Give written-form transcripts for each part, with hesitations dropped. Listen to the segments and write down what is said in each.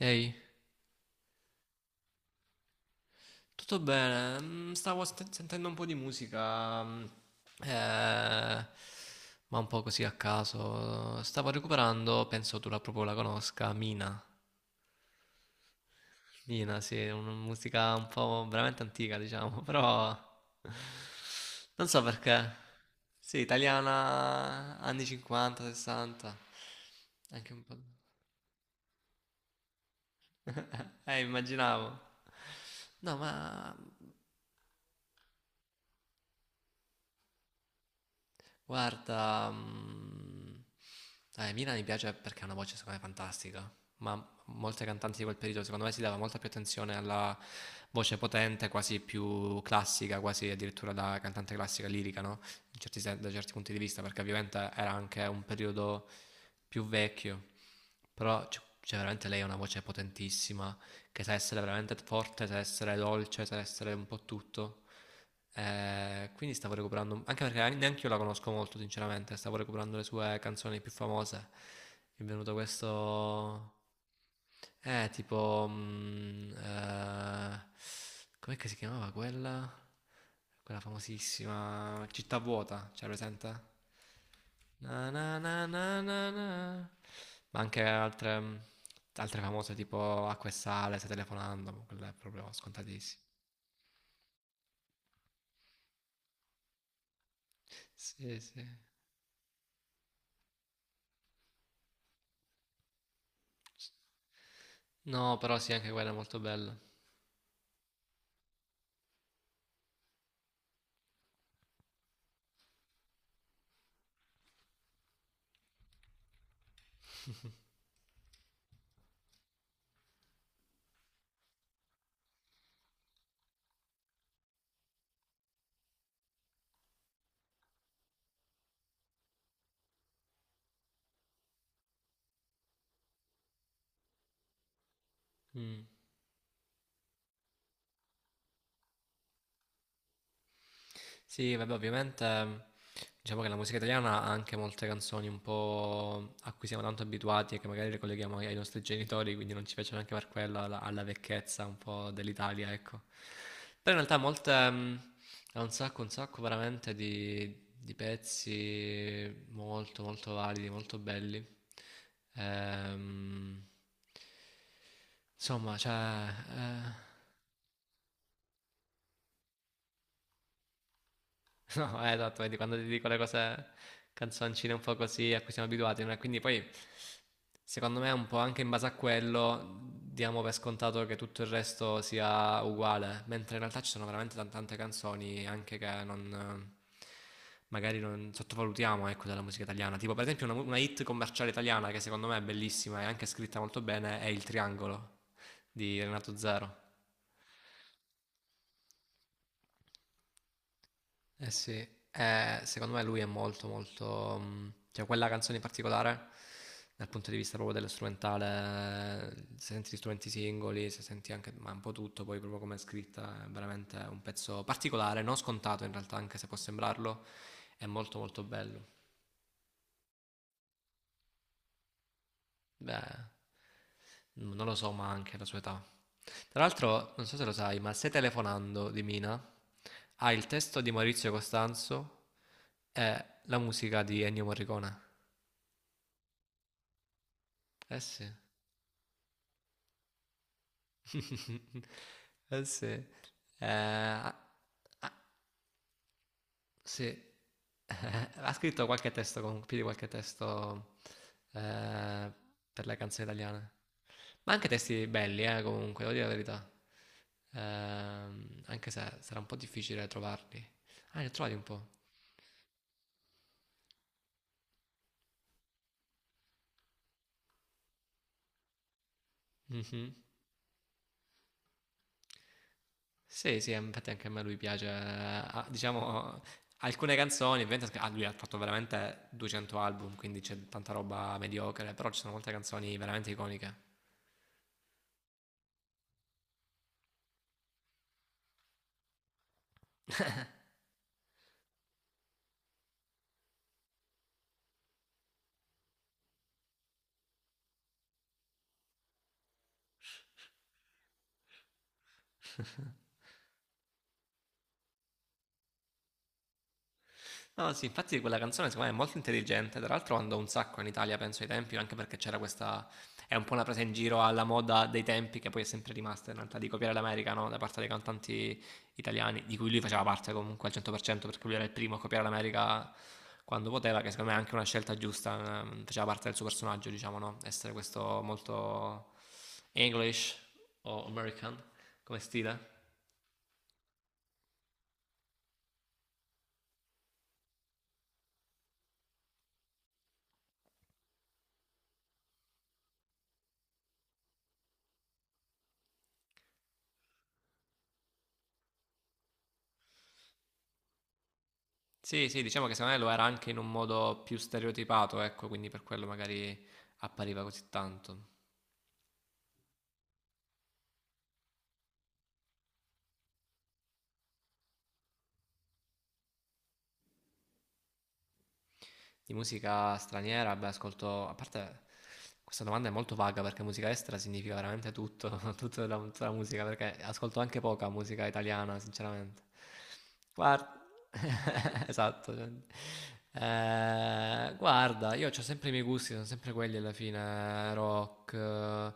Ehi, tutto bene? Stavo sentendo un po' di musica, eh, ma un po' così a caso. Stavo recuperando, penso tu la proprio la conosca, Mina. Mina, sì, è una musica un po' veramente antica, diciamo, però non so perché. Sì, italiana anni 50, 60, anche un po'. Immaginavo. No, ma guarda, Mina mi piace perché ha una voce secondo me fantastica, ma molte cantanti di quel periodo secondo me si dava molta più attenzione alla voce potente, quasi più classica, quasi addirittura da cantante classica lirica, no? In certi da certi punti di vista, perché ovviamente era anche un periodo più vecchio, però cioè, veramente lei ha una voce potentissima, che sa essere veramente forte, sa essere dolce, sa essere un po' tutto. Quindi stavo recuperando, anche perché neanche io la conosco molto, sinceramente, stavo recuperando le sue canzoni più famose. Mi è venuto questo. Tipo, com'è che si chiamava quella? Quella famosissima Città vuota, c'è presente? Na na na na na na. Ma anche altre famose tipo Acqua e Sale, Stai telefonando, ma quella è proprio scontatissima. Sì, sì. No, però sì, anche quella è molto bella. Mm. Sì, vabbè, ovviamente diciamo che la musica italiana ha anche molte canzoni un po' a cui siamo tanto abituati e che magari le colleghiamo ai nostri genitori, quindi non ci piace neanche per quella alla vecchezza un po' dell'Italia, ecco. Però in realtà molte, ha un sacco veramente di, pezzi molto, molto validi, molto belli. Ehm, insomma, cioè... eh, No, esatto, vedi, quando ti dico le cose, canzoncine un po' così a cui siamo abituati, no? E quindi poi, secondo me, un po' anche in base a quello, diamo per scontato che tutto il resto sia uguale, mentre in realtà ci sono veramente tante canzoni anche che non. Magari non sottovalutiamo, ecco, della musica italiana. Tipo, per esempio, una hit commerciale italiana che secondo me è bellissima e anche scritta molto bene è Il Triangolo di Renato Zero. Eh sì, secondo me lui è molto molto, cioè quella canzone in particolare, dal punto di vista proprio dello strumentale, se senti gli strumenti singoli, se senti anche, ma un po' tutto, poi proprio come è scritta, è veramente un pezzo particolare, non scontato in realtà, anche se può sembrarlo, è molto molto bello. Beh, non lo so, ma anche la sua età. Tra l'altro, non so se lo sai, ma Se telefonando di Mina ha il testo di Maurizio Costanzo e la musica di Ennio Morricone. Eh sì. Eh sì. Ah, ah, sì. Ha scritto qualche testo, più di qualche testo eh, per le canzoni italiane. Ma anche testi belli, comunque, devo dire la verità. Anche se sarà un po' difficile trovarli. Ah, ne ho trovati un po'. Mhm. Sì, sì, infatti anche a me lui piace. Ah, diciamo, alcune canzoni, ovviamente, lui ha fatto veramente 200 album, quindi c'è tanta roba mediocre, però ci sono molte canzoni veramente iconiche. No, sì, infatti quella canzone secondo me è molto intelligente, tra l'altro andò un sacco in Italia, penso ai tempi, anche perché c'era questa, è un po' una presa in giro alla moda dei tempi che poi è sempre rimasta in realtà di copiare l'America, no? Da parte dei cantanti italiani, di cui lui faceva parte comunque al 100% perché lui era il primo a copiare l'America quando poteva, che secondo me è anche una scelta giusta, faceva parte del suo personaggio, diciamo, no? Essere questo molto English o American come stile. Sì, sì, diciamo che secondo me lo era anche in un modo più stereotipato, ecco, quindi per quello magari appariva così tanto. Di musica straniera, beh, ascolto, a parte questa domanda è molto vaga perché musica estera significa veramente tutto, tutta la, musica, perché ascolto anche poca musica italiana, sinceramente. Guarda, esatto. Cioè, guarda, io ho sempre i miei gusti, sono sempre quelli alla fine, rock, eh,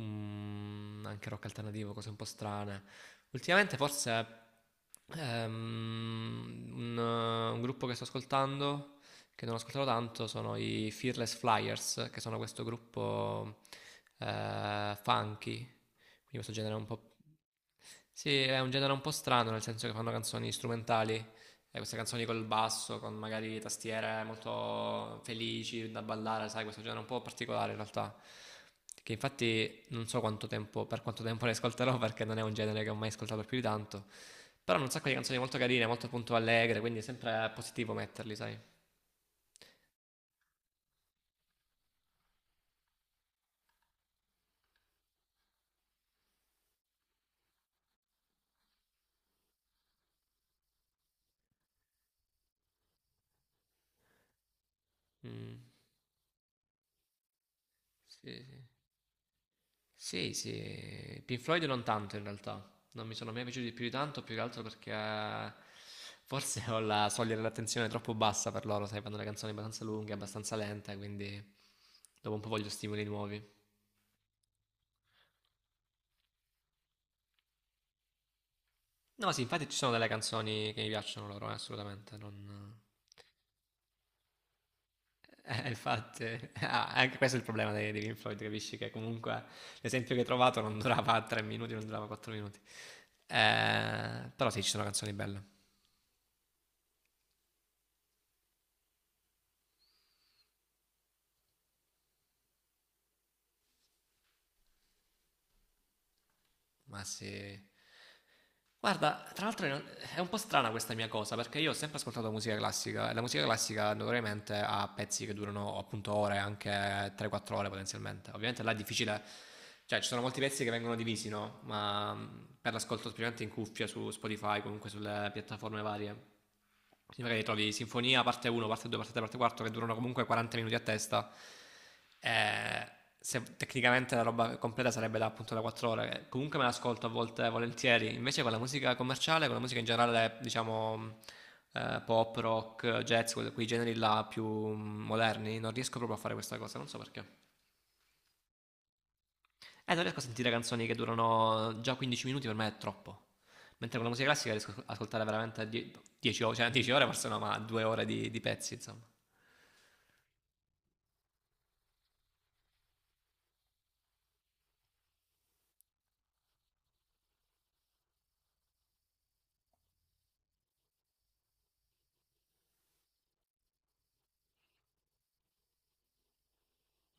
mm, anche rock alternativo, cose un po' strane. Ultimamente forse un gruppo che sto ascoltando che non ascolterò tanto sono i Fearless Flyers, che sono questo gruppo funky, quindi questo genere un po'. Sì, è un genere un po' strano, nel senso che fanno canzoni strumentali, queste canzoni col basso, con magari tastiere molto felici da ballare, sai, questo genere un po' particolare in realtà, che infatti non so quanto tempo, per quanto tempo le ascolterò, perché non è un genere che ho mai ascoltato più di tanto, però hanno un sacco di canzoni molto carine, molto appunto allegre, quindi è sempre positivo metterli, sai. Mm. Sì, sì. Sì, sì. Pink Floyd non tanto in realtà. Non mi sono mai piaciuti più di tanto, più che altro perché forse ho la soglia dell'attenzione troppo bassa per loro, sai, fanno le canzoni abbastanza lunghe, abbastanza lente, quindi dopo un po' voglio stimoli nuovi. No, sì, infatti ci sono delle canzoni che mi piacciono loro, assolutamente. Non. Infatti, ah, anche questo è il problema dei Pink Floyd, capisci? Che comunque l'esempio che hai trovato non durava tre minuti, non durava quattro minuti. Però sì, ci sono canzoni belle. Ma se. Guarda, tra l'altro è un po' strana questa mia cosa perché io ho sempre ascoltato musica classica e la musica classica notoriamente ha pezzi che durano appunto ore, anche 3-4 ore potenzialmente. Ovviamente là è difficile, cioè ci sono molti pezzi che vengono divisi, no? Ma per l'ascolto specialmente in cuffia su Spotify, comunque sulle piattaforme varie. Sembra che trovi Sinfonia, parte 1, parte 2, parte 3, parte 4, che durano comunque 40 minuti a testa. Eh, Tecnicamente la roba completa sarebbe da, appunto da 4 ore. Che comunque me l'ascolto a volte volentieri. Invece con la musica commerciale, con la musica in generale, diciamo pop, rock, jazz, quei generi là più moderni, non riesco proprio a fare questa cosa, non so perché. Non riesco a sentire canzoni che durano già 15 minuti, per me è troppo. Mentre con la musica classica riesco a ascoltare veramente 10 ore, cioè 10 ore forse no, ma 2 ore di, pezzi, insomma.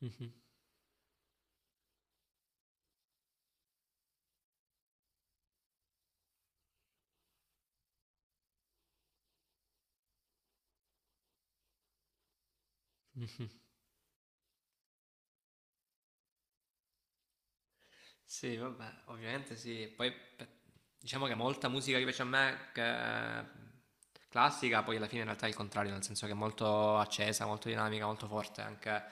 Mhm. Sì, vabbè, ovviamente sì. Poi beh, diciamo che molta musica che piace a me, classica, poi alla fine in realtà è il contrario, nel senso che è molto accesa, molto dinamica, molto forte, anche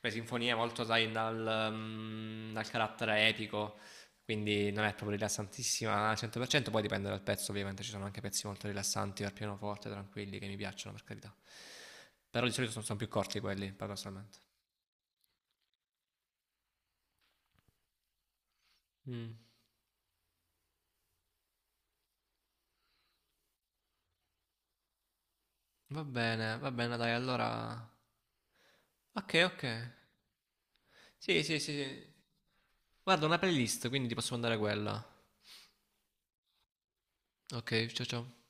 le sinfonie molto, sai, dal carattere epico, quindi non è proprio rilassantissima al 100%, poi dipende dal pezzo, ovviamente ci sono anche pezzi molto rilassanti per pianoforte, tranquilli, che mi piacciono, per carità. Però di solito sono, più corti quelli, paradossalmente. Mm. Va bene, dai, allora okay, okay. Sì, sì, sì, sì. Guarda, una playlist, quindi ti posso mandare quella. Okay, ciao, ciao.